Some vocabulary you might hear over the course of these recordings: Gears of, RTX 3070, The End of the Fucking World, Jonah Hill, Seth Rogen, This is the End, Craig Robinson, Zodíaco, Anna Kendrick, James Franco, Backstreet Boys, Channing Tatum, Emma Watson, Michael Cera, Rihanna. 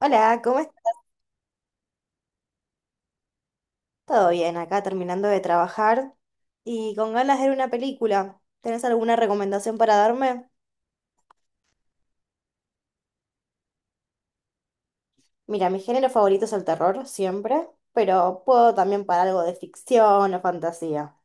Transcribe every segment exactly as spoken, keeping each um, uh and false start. Hola, ¿cómo estás? ¿Todo bien? Acá terminando de trabajar y con ganas de ver una película. ¿Tenés alguna recomendación para darme? Mira, mi género favorito es el terror, siempre, pero puedo también para algo de ficción o fantasía.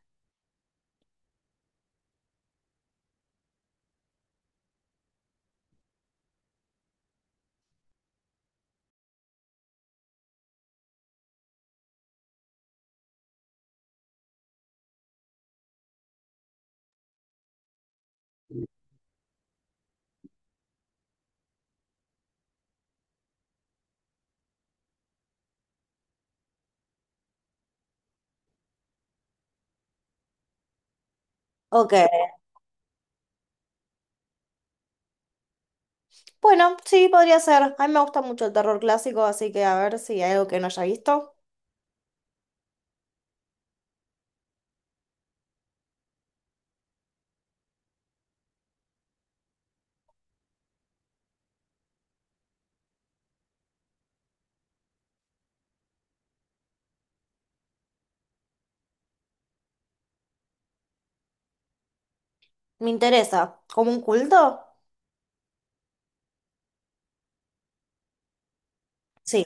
Ok, bueno, sí, podría ser. A mí me gusta mucho el terror clásico, así que a ver si hay algo que no haya visto. Me interesa. ¿Como un culto? Sí,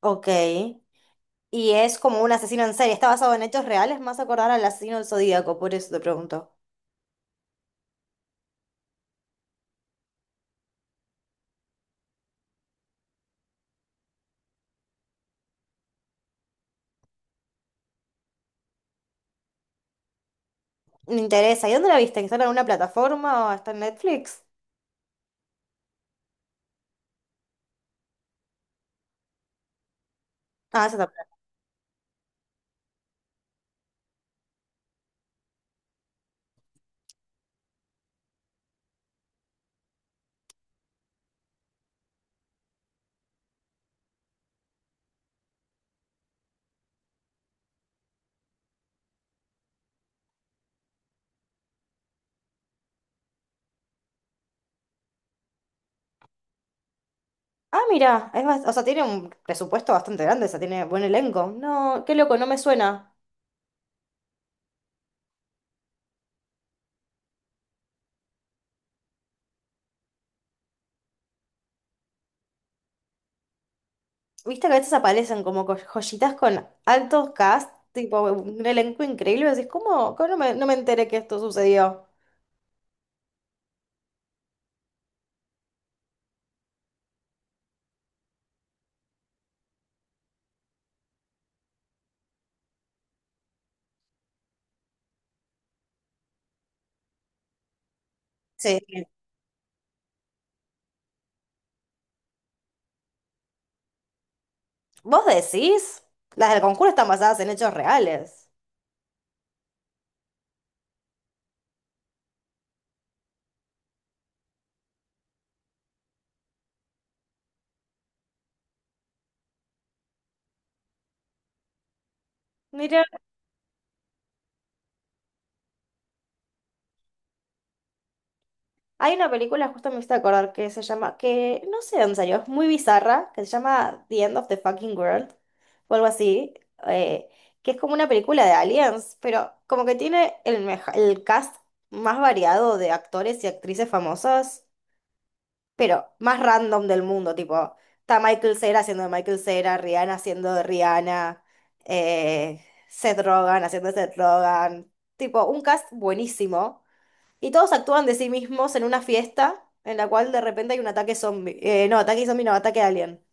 ok. Y es como un asesino en serie. ¿Está basado en hechos reales? Más acordar al asesino del Zodíaco, por eso te pregunto. Me interesa. ¿Y dónde la viste? ¿Que está en alguna plataforma o está en Netflix? Ah, esa está. Ah, mira, es bas- o sea, tiene un presupuesto bastante grande, o sea, tiene buen elenco. No, qué loco, no me suena. Viste que a veces aparecen como co- joyitas con altos cast, tipo un elenco increíble, y decís, ¿cómo? ¿Cómo no me, no me enteré que esto sucedió? Sí. ¿Vos decís? Las del concurso están basadas en hechos reales. Hay una película, justo me hice acordar, que se llama, que no sé dónde salió, es muy bizarra, que se llama The End of the Fucking World, o algo así, eh, que es como una película de aliens, pero como que tiene el, meja- el cast más variado de actores y actrices famosas, pero más random del mundo, tipo, está Michael Cera haciendo de Michael Cera, Rihanna haciendo de Rihanna, eh, Seth Rogen haciendo de Seth Rogen, tipo, un cast buenísimo y todos actúan de sí mismos en una fiesta en la cual de repente hay un ataque zombie. Eh, no, ataque zombie, no, ataque alien.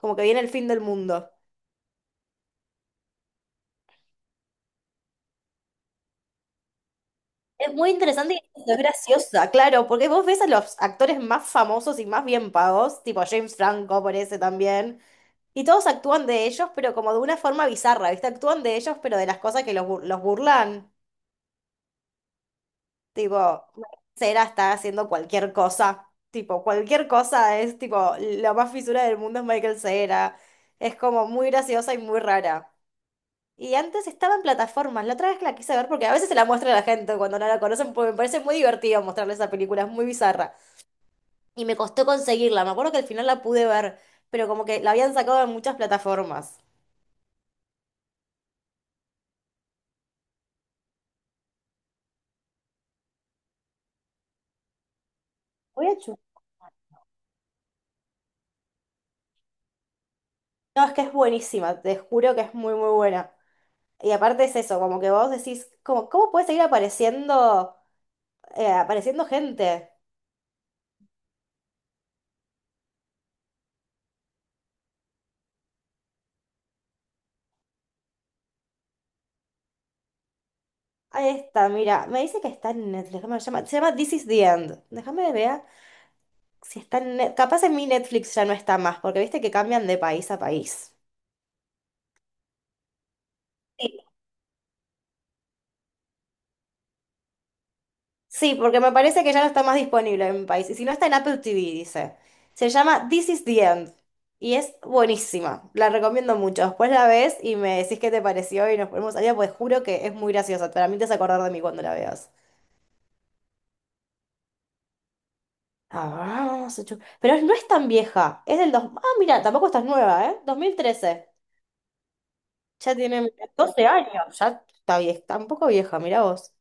Como que viene el fin del mundo. Es muy interesante y es graciosa, claro, porque vos ves a los actores más famosos y más bien pagos, tipo James Franco por ese también, y todos actúan de ellos, pero como de una forma bizarra, ¿viste? Actúan de ellos, pero de las cosas que los, bur- los burlan. Tipo, Cera está haciendo cualquier cosa. Tipo, cualquier cosa es tipo, la más fisura del mundo es Michael Cera. Es como muy graciosa y muy rara. Y antes estaba en plataformas. La otra vez que la quise ver, porque a veces se la muestra a la gente cuando no la conocen, porque me parece muy divertido mostrarle esa película, es muy bizarra. Y me costó conseguirla. Me acuerdo que al final la pude ver, pero como que la habían sacado en muchas plataformas. Voy a chu- No, es que es buenísima, te juro que es muy, muy buena. Y aparte es eso, como que vos decís, como, ¿cómo puede seguir apareciendo? eh, apareciendo gente. Ahí está, mira, me dice que está en Netflix, ¿cómo se llama? Se llama This is the End. Déjame ver si está en Net- Capaz en mi Netflix ya no está más, porque viste que cambian de país a país. Sí. Sí, porque me parece que ya no está más disponible en mi país. Y si no está en Apple T V, dice. Se llama This is the End. Y es buenísima. La recomiendo mucho. Después la ves y me decís qué te pareció y nos ponemos allá, pues juro que es muy graciosa. Para mí te vas a acordar de mí cuando la veas. Ah, se chu- Pero no es tan vieja, es del dos... Ah, mira, tampoco estás nueva, ¿eh? Dos mil trece. Ya tiene mira, doce años, ya está vieja, tampoco vieja, mira vos.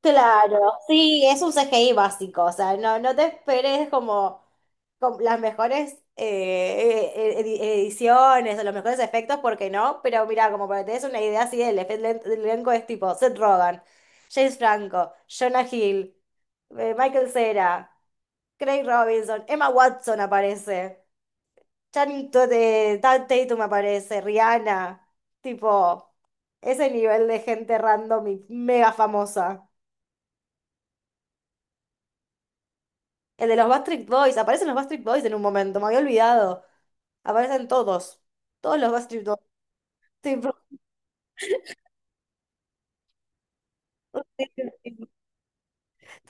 Claro, sí, es un C G I básico, o sea, no, no te esperes como, como las mejores eh, eh, edi- ediciones o los mejores efectos, porque no, pero mira, como para que te des una idea así, el efe- el elenco es tipo Seth Rogen, James Franco, Jonah Hill, eh, Michael Cera. Craig Robinson, Emma Watson aparece, Channing Tatum Tatum aparece, Rihanna, tipo, ese nivel de gente random y mega famosa. El de los Backstreet Boys, aparecen los Backstreet Boys en un momento, me había olvidado. Aparecen todos, todos los Backstreet Boys. Tipo,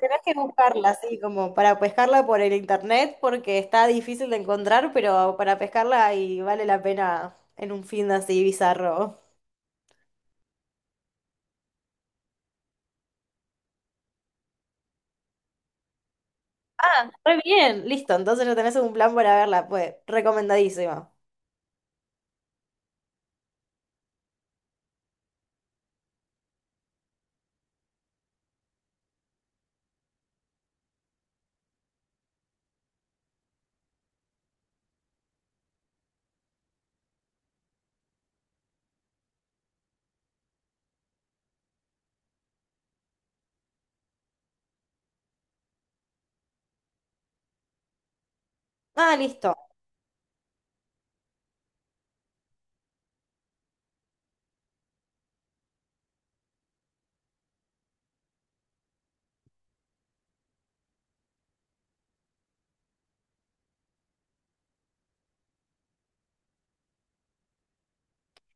Tenés que buscarla, así como para pescarla por el internet, porque está difícil de encontrar, pero para pescarla y vale la pena en un fin de así bizarro. Ah, re bien, listo. Entonces ya tenés un plan para verla, pues, recomendadísimo. Ah, listo.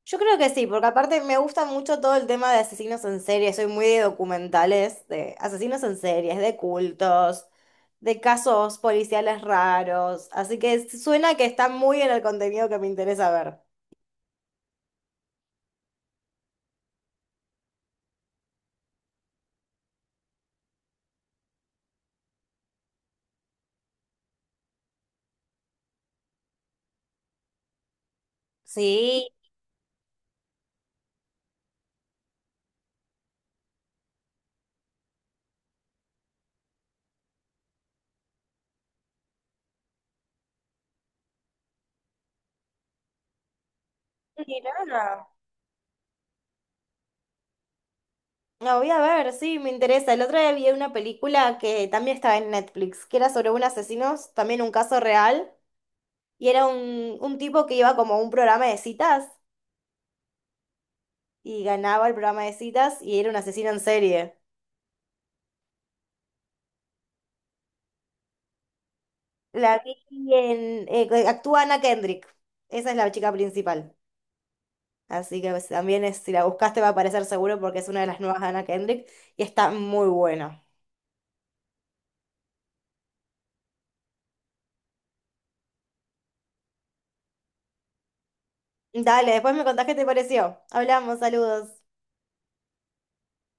Yo creo que sí, porque aparte me gusta mucho todo el tema de asesinos en serie. Soy muy de documentales, de asesinos en series, de cultos, de casos policiales raros. Así que suena que está muy en el contenido que me interesa ver. Sí, mirá. La voy a ver, sí, me interesa. El otro día vi una película que también estaba en Netflix, que era sobre un asesino, también un caso real. Y era un, un tipo que iba como a un programa de citas y ganaba el programa de citas y era un asesino en serie. La vi en, eh, que actúa Anna Kendrick. Esa es la chica principal. Así que pues, también es, si la buscaste va a aparecer seguro porque es una de las nuevas de Anna Kendrick y está muy buena. Dale, después me contás qué te pareció. Hablamos, saludos.